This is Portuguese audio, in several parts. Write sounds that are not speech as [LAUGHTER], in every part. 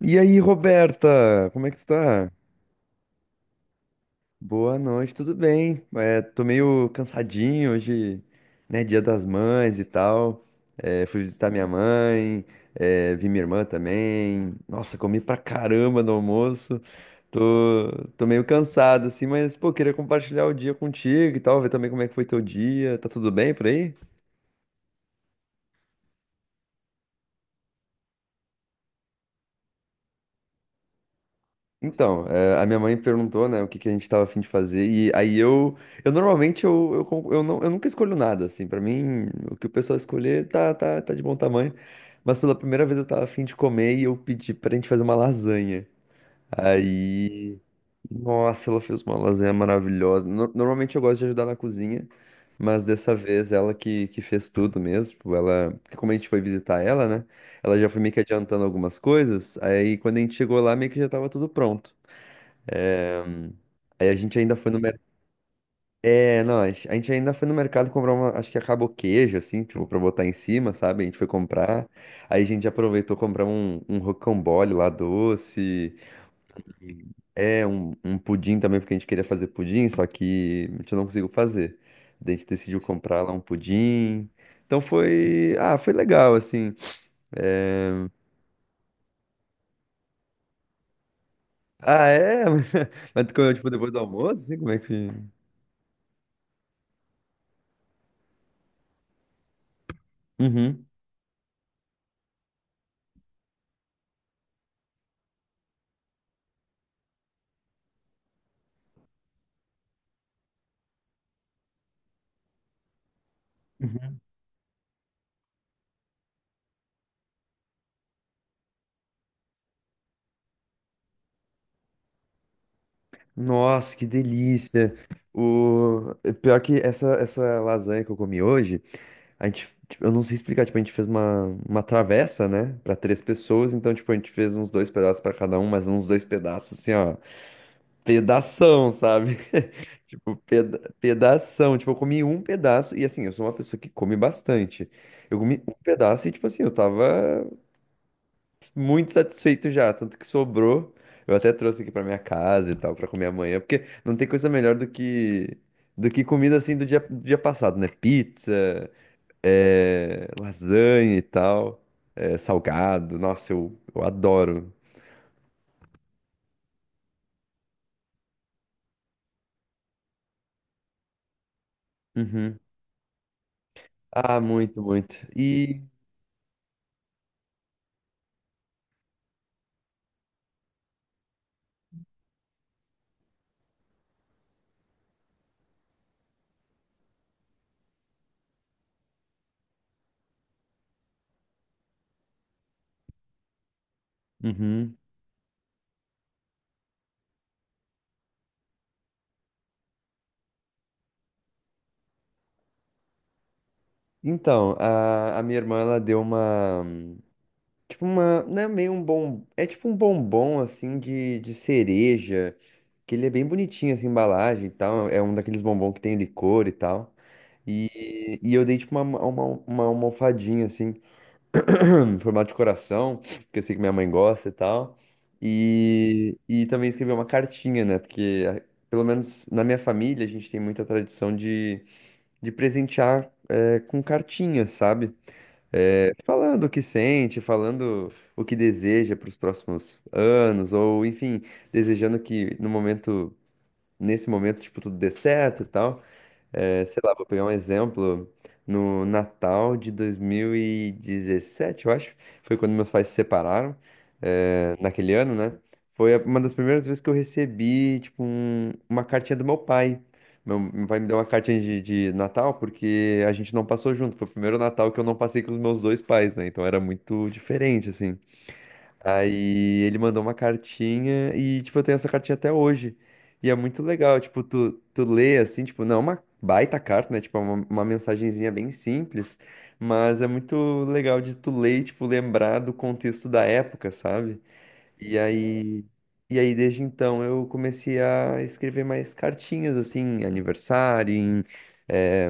E aí, Roberta, como é que tu tá? Boa noite, tudo bem? É, tô meio cansadinho hoje, né? Dia das Mães e tal. É, fui visitar minha mãe, é, vi minha irmã também. Nossa, comi pra caramba no almoço. Tô, tô meio cansado, assim, mas, pô, queria compartilhar o dia contigo e tal, ver também como é que foi teu dia. Tá tudo bem por aí? Então, a minha mãe perguntou, né, o que que a gente tava a fim de fazer, e aí eu normalmente, não, eu nunca escolho nada, assim, pra mim, o que o pessoal escolher tá de bom tamanho, mas pela primeira vez eu tava a fim de comer e eu pedi pra gente fazer uma lasanha. Aí, nossa, ela fez uma lasanha maravilhosa. No- normalmente eu gosto de ajudar na cozinha, mas dessa vez ela que fez tudo mesmo, tipo, ela, porque como a gente foi visitar ela, né, ela já foi meio que adiantando algumas coisas, aí quando a gente chegou lá, meio que já tava tudo pronto. Aí a gente ainda foi no mercado. É, não, a gente ainda foi no mercado comprar uma, acho que acabou queijo, assim, tipo, pra botar em cima, sabe? A gente foi comprar. Aí a gente aproveitou comprar um rocambole lá doce. É, um pudim também, porque a gente queria fazer pudim, só que a gente não conseguiu fazer. Daí a gente decidiu comprar lá um pudim. Então foi. Ah, foi legal, assim. É... Ah, é? [LAUGHS] Mas tu comeu, tipo, depois do almoço, assim, como é que. Uhum. Nossa, que delícia. O... é pior que essa lasanha que eu comi hoje, a gente, tipo, eu não sei explicar, tipo, a gente fez uma travessa, né, pra três pessoas, então, tipo, a gente fez uns dois pedaços pra cada um, mas uns dois pedaços, assim, ó, pedação, sabe? [LAUGHS] Tipo, pedação, tipo, eu comi um pedaço, e assim, eu sou uma pessoa que come bastante, eu comi um pedaço e, tipo assim, eu tava muito satisfeito já, tanto que sobrou. Eu até trouxe aqui pra minha casa e tal, pra comer amanhã, porque não tem coisa melhor do que comida assim do dia passado, né? Pizza, é, lasanha e tal, é, salgado. Nossa, eu adoro. Uhum. Ah, muito, muito. E uhum. Então, a minha irmã ela deu uma. Tipo uma, né, meio um bom, é tipo um bombom assim de cereja, que ele é bem bonitinho assim, a embalagem e tal, é um daqueles bombom que tem licor e tal. E eu dei tipo uma almofadinha assim, [CLEARS THROAT] em formato de coração, que eu sei que minha mãe gosta e tal. E também escrevi uma cartinha, né? Porque a- pelo menos na minha família a gente tem muita tradição de presentear com cartinhas, sabe? Falando o que sente, falando o que deseja para os próximos anos, ou enfim, desejando que no momento, nesse momento, tipo, tudo dê certo e tal. É, sei lá, vou pegar um exemplo. No Natal de 2017, eu acho, foi quando meus pais se separaram, é, naquele ano, né? Foi a- uma das primeiras vezes que eu recebi, tipo, uma cartinha do meu pai. Meu pai me deu uma cartinha de Natal porque a gente não passou junto. Foi o primeiro Natal que eu não passei com os meus dois pais, né? Então era muito diferente, assim. Aí ele mandou uma cartinha e, tipo, eu tenho essa cartinha até hoje. E é muito legal, tipo, tu lê assim, tipo, não é uma baita carta, né? Tipo, é uma mensagenzinha bem simples, mas é muito legal de tu ler, e, tipo, lembrar do contexto da época, sabe? E aí, e aí desde então eu comecei a escrever mais cartinhas, assim, em aniversário, em, eh,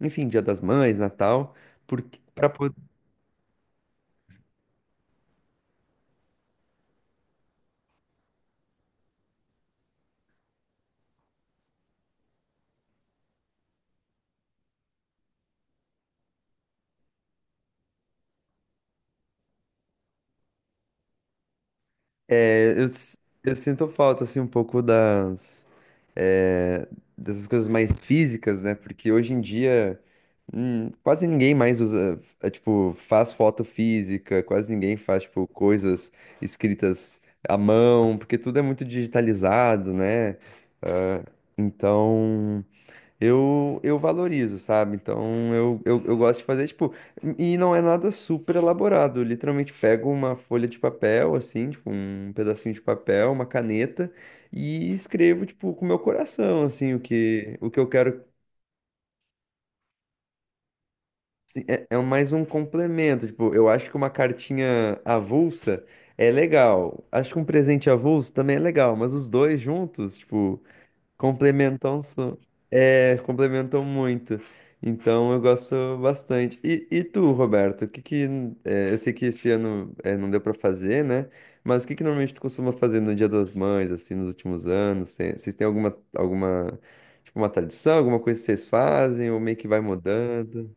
enfim, Dia das Mães, Natal, porque É, eu, s- eu sinto falta, assim, um pouco das, é, dessas coisas mais físicas, né? Porque hoje em dia, quase ninguém mais usa, é, tipo, faz foto física, quase ninguém faz, tipo, coisas escritas à mão, porque tudo é muito digitalizado, né? Ah, então. Eu valorizo, sabe? Então eu gosto de fazer, tipo, e não é nada super elaborado. Eu literalmente pego uma folha de papel, assim, tipo, um pedacinho de papel, uma caneta, e escrevo, tipo, com o meu coração, assim, o que eu quero. Assim, é, é mais um complemento. Tipo, eu acho que uma cartinha avulsa é legal. Acho que um presente avulso também é legal, mas os dois juntos, tipo. Complementam, su- complementam muito. Então eu gosto bastante. E tu, Roberto, o que que é, eu sei que esse ano não deu pra fazer, né? Mas o que que normalmente tu costuma fazer no Dia das Mães, assim, nos últimos anos? Tem, vocês têm alguma tipo uma tradição, alguma coisa que vocês fazem ou meio que vai mudando?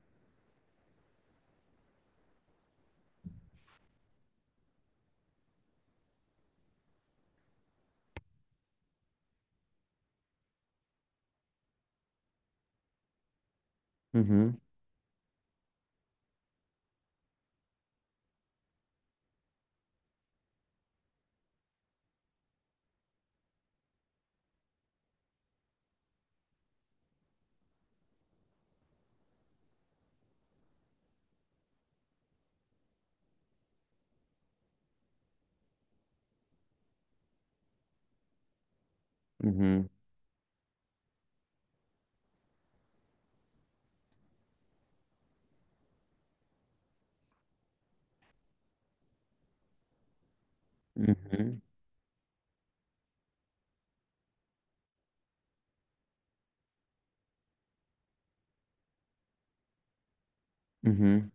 Uhum, uhum, uhum, uhum.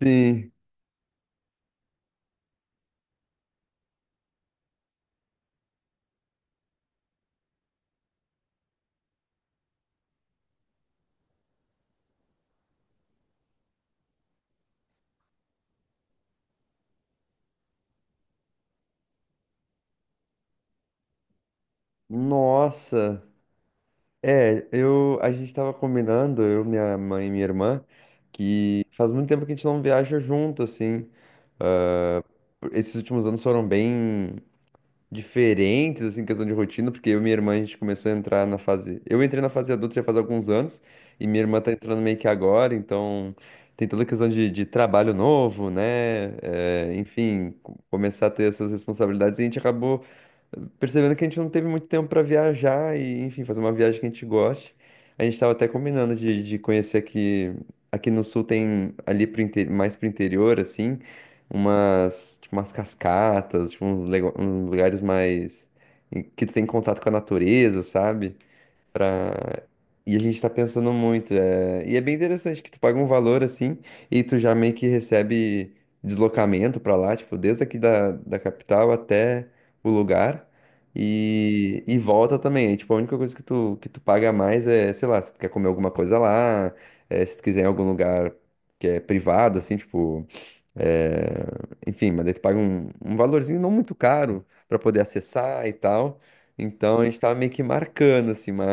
Sim. Nossa. É, eu, a gente tava combinando, eu, minha mãe e minha irmã, que faz muito tempo que a gente não viaja junto, assim. Esses últimos anos foram bem diferentes, assim, em questão de rotina, porque eu e minha irmã, a gente começou a entrar na fase... Eu entrei na fase adulta já faz alguns anos, e minha irmã tá entrando meio que agora, então tem toda a questão de trabalho novo, né? É, enfim, começar a ter essas responsabilidades, e a gente acabou percebendo que a gente não teve muito tempo para viajar e, enfim, fazer uma viagem que a gente goste. A gente estava até combinando de conhecer aqui, aqui no sul tem ali mais pro interior, assim, umas, tipo, umas cascatas, tipo, uns, uns lugares mais em que tu tem contato com a natureza, sabe? Pra... E a gente tá pensando muito. É... E é bem interessante que tu paga um valor assim e tu já meio que recebe deslocamento pra lá, tipo, desde aqui da, da capital até o lugar. E volta também. É, tipo, a única coisa que tu paga a mais é, sei lá, se tu quer comer alguma coisa lá, é, se tu quiser ir em algum lugar que é privado, assim, tipo. É, enfim, mas daí tu paga um, um valorzinho não muito caro para poder acessar e tal. Então a gente tava meio que marcando, assim,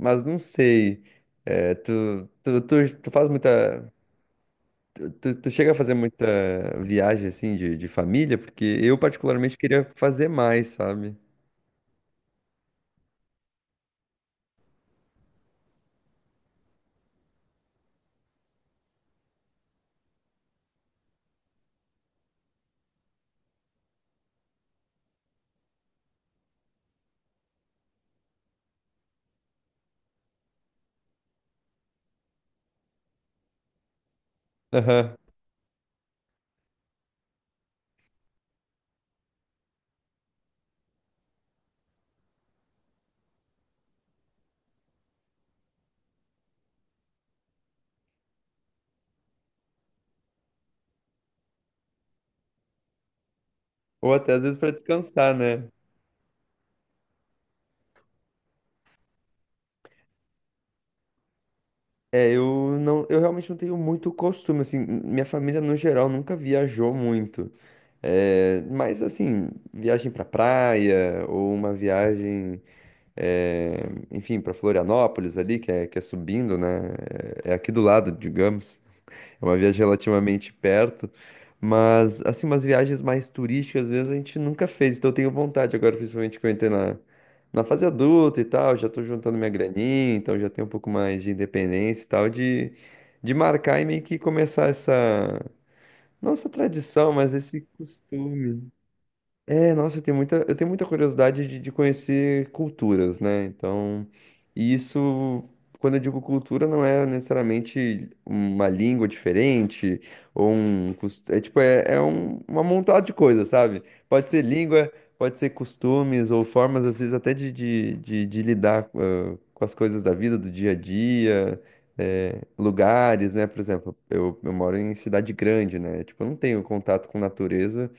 mas não sei. É, tu, tu, tu, tu faz muita. Tu chega a fazer muita viagem, assim, de família, porque eu particularmente queria fazer mais, sabe? Aham. Ou até às vezes para descansar, né? É, eu não, eu realmente não tenho muito costume, assim, minha família no geral nunca viajou muito. É, mas assim, viagem pra praia ou uma viagem, é, enfim, pra Florianópolis ali, que é subindo, né? É é aqui do lado, digamos. É uma viagem relativamente perto, mas assim, umas viagens mais turísticas, às vezes a gente nunca fez, então eu tenho vontade agora, principalmente que eu entrei na, na fase adulta e tal, já tô juntando minha graninha, então já tenho um pouco mais de independência e tal, de marcar e meio que começar essa, não essa tradição, mas esse costume. É, nossa, eu tenho muita curiosidade de conhecer culturas, né? Então, e isso, quando eu digo cultura, não é necessariamente uma língua diferente ou um, é tipo, é, é um, uma montada de coisas, sabe? Pode ser língua, pode ser costumes ou formas, às vezes, até de lidar, ah, com as coisas da vida, do dia a dia, lugares, né? Por exemplo, eu moro em cidade grande, né? Tipo, eu não tenho contato com natureza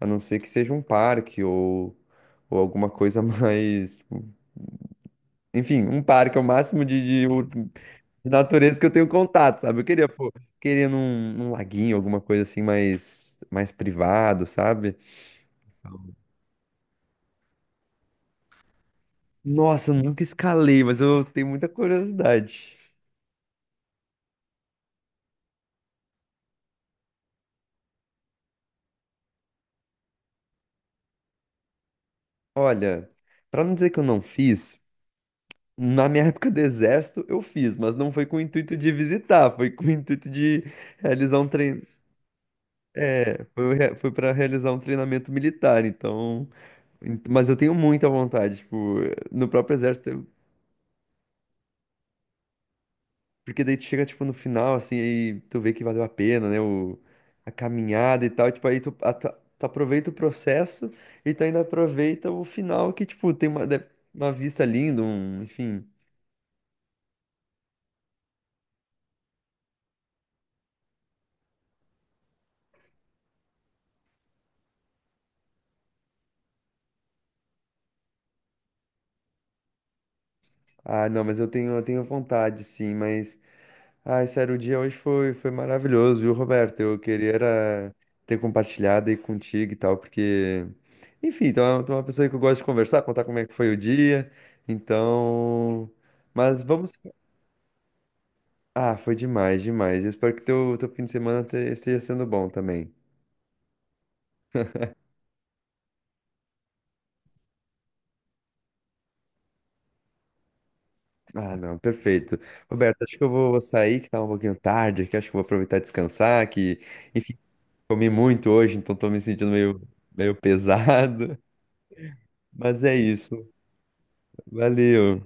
a não ser que seja um parque ou alguma coisa [LAUGHS] mais. Tipo, enfim, um parque é o máximo de, de natureza que eu tenho contato, sabe? Eu queria, pô, queria num, num laguinho, alguma coisa assim mais, mais privado, sabe? Nossa, eu nunca escalei, mas eu tenho muita curiosidade. Olha, pra não dizer que eu não fiz, na minha época do exército eu fiz, mas não foi com o intuito de visitar, foi com o intuito de realizar um treino. É, foi, foi para realizar um treinamento militar, então. Mas eu tenho muita vontade, tipo, no próprio exército, porque daí tu chega, tipo, no final, assim, aí tu vê que valeu a pena, né, o, a caminhada e tal, tipo, aí tu, a- tu, tu aproveita o processo e tu ainda aproveita o final que, tipo, tem uma, uma vista linda, um, enfim. Ah, não, mas eu tenho vontade, sim, mas ai, sério, o dia hoje foi, foi maravilhoso, viu, Roberto? Eu queria era ter compartilhado aí contigo e tal, porque, enfim, tu é uma pessoa que eu gosto de conversar, contar como é que foi o dia, então. Mas vamos. Ah, foi demais, demais. Eu espero que teu, teu fim de semana esteja sendo bom também. Ah, não, perfeito. Roberto, acho que eu vou sair, que tá um pouquinho tarde que acho que eu vou aproveitar e descansar, que, enfim, comi muito hoje, então tô me sentindo meio, meio pesado. [LAUGHS] Mas é isso. Valeu.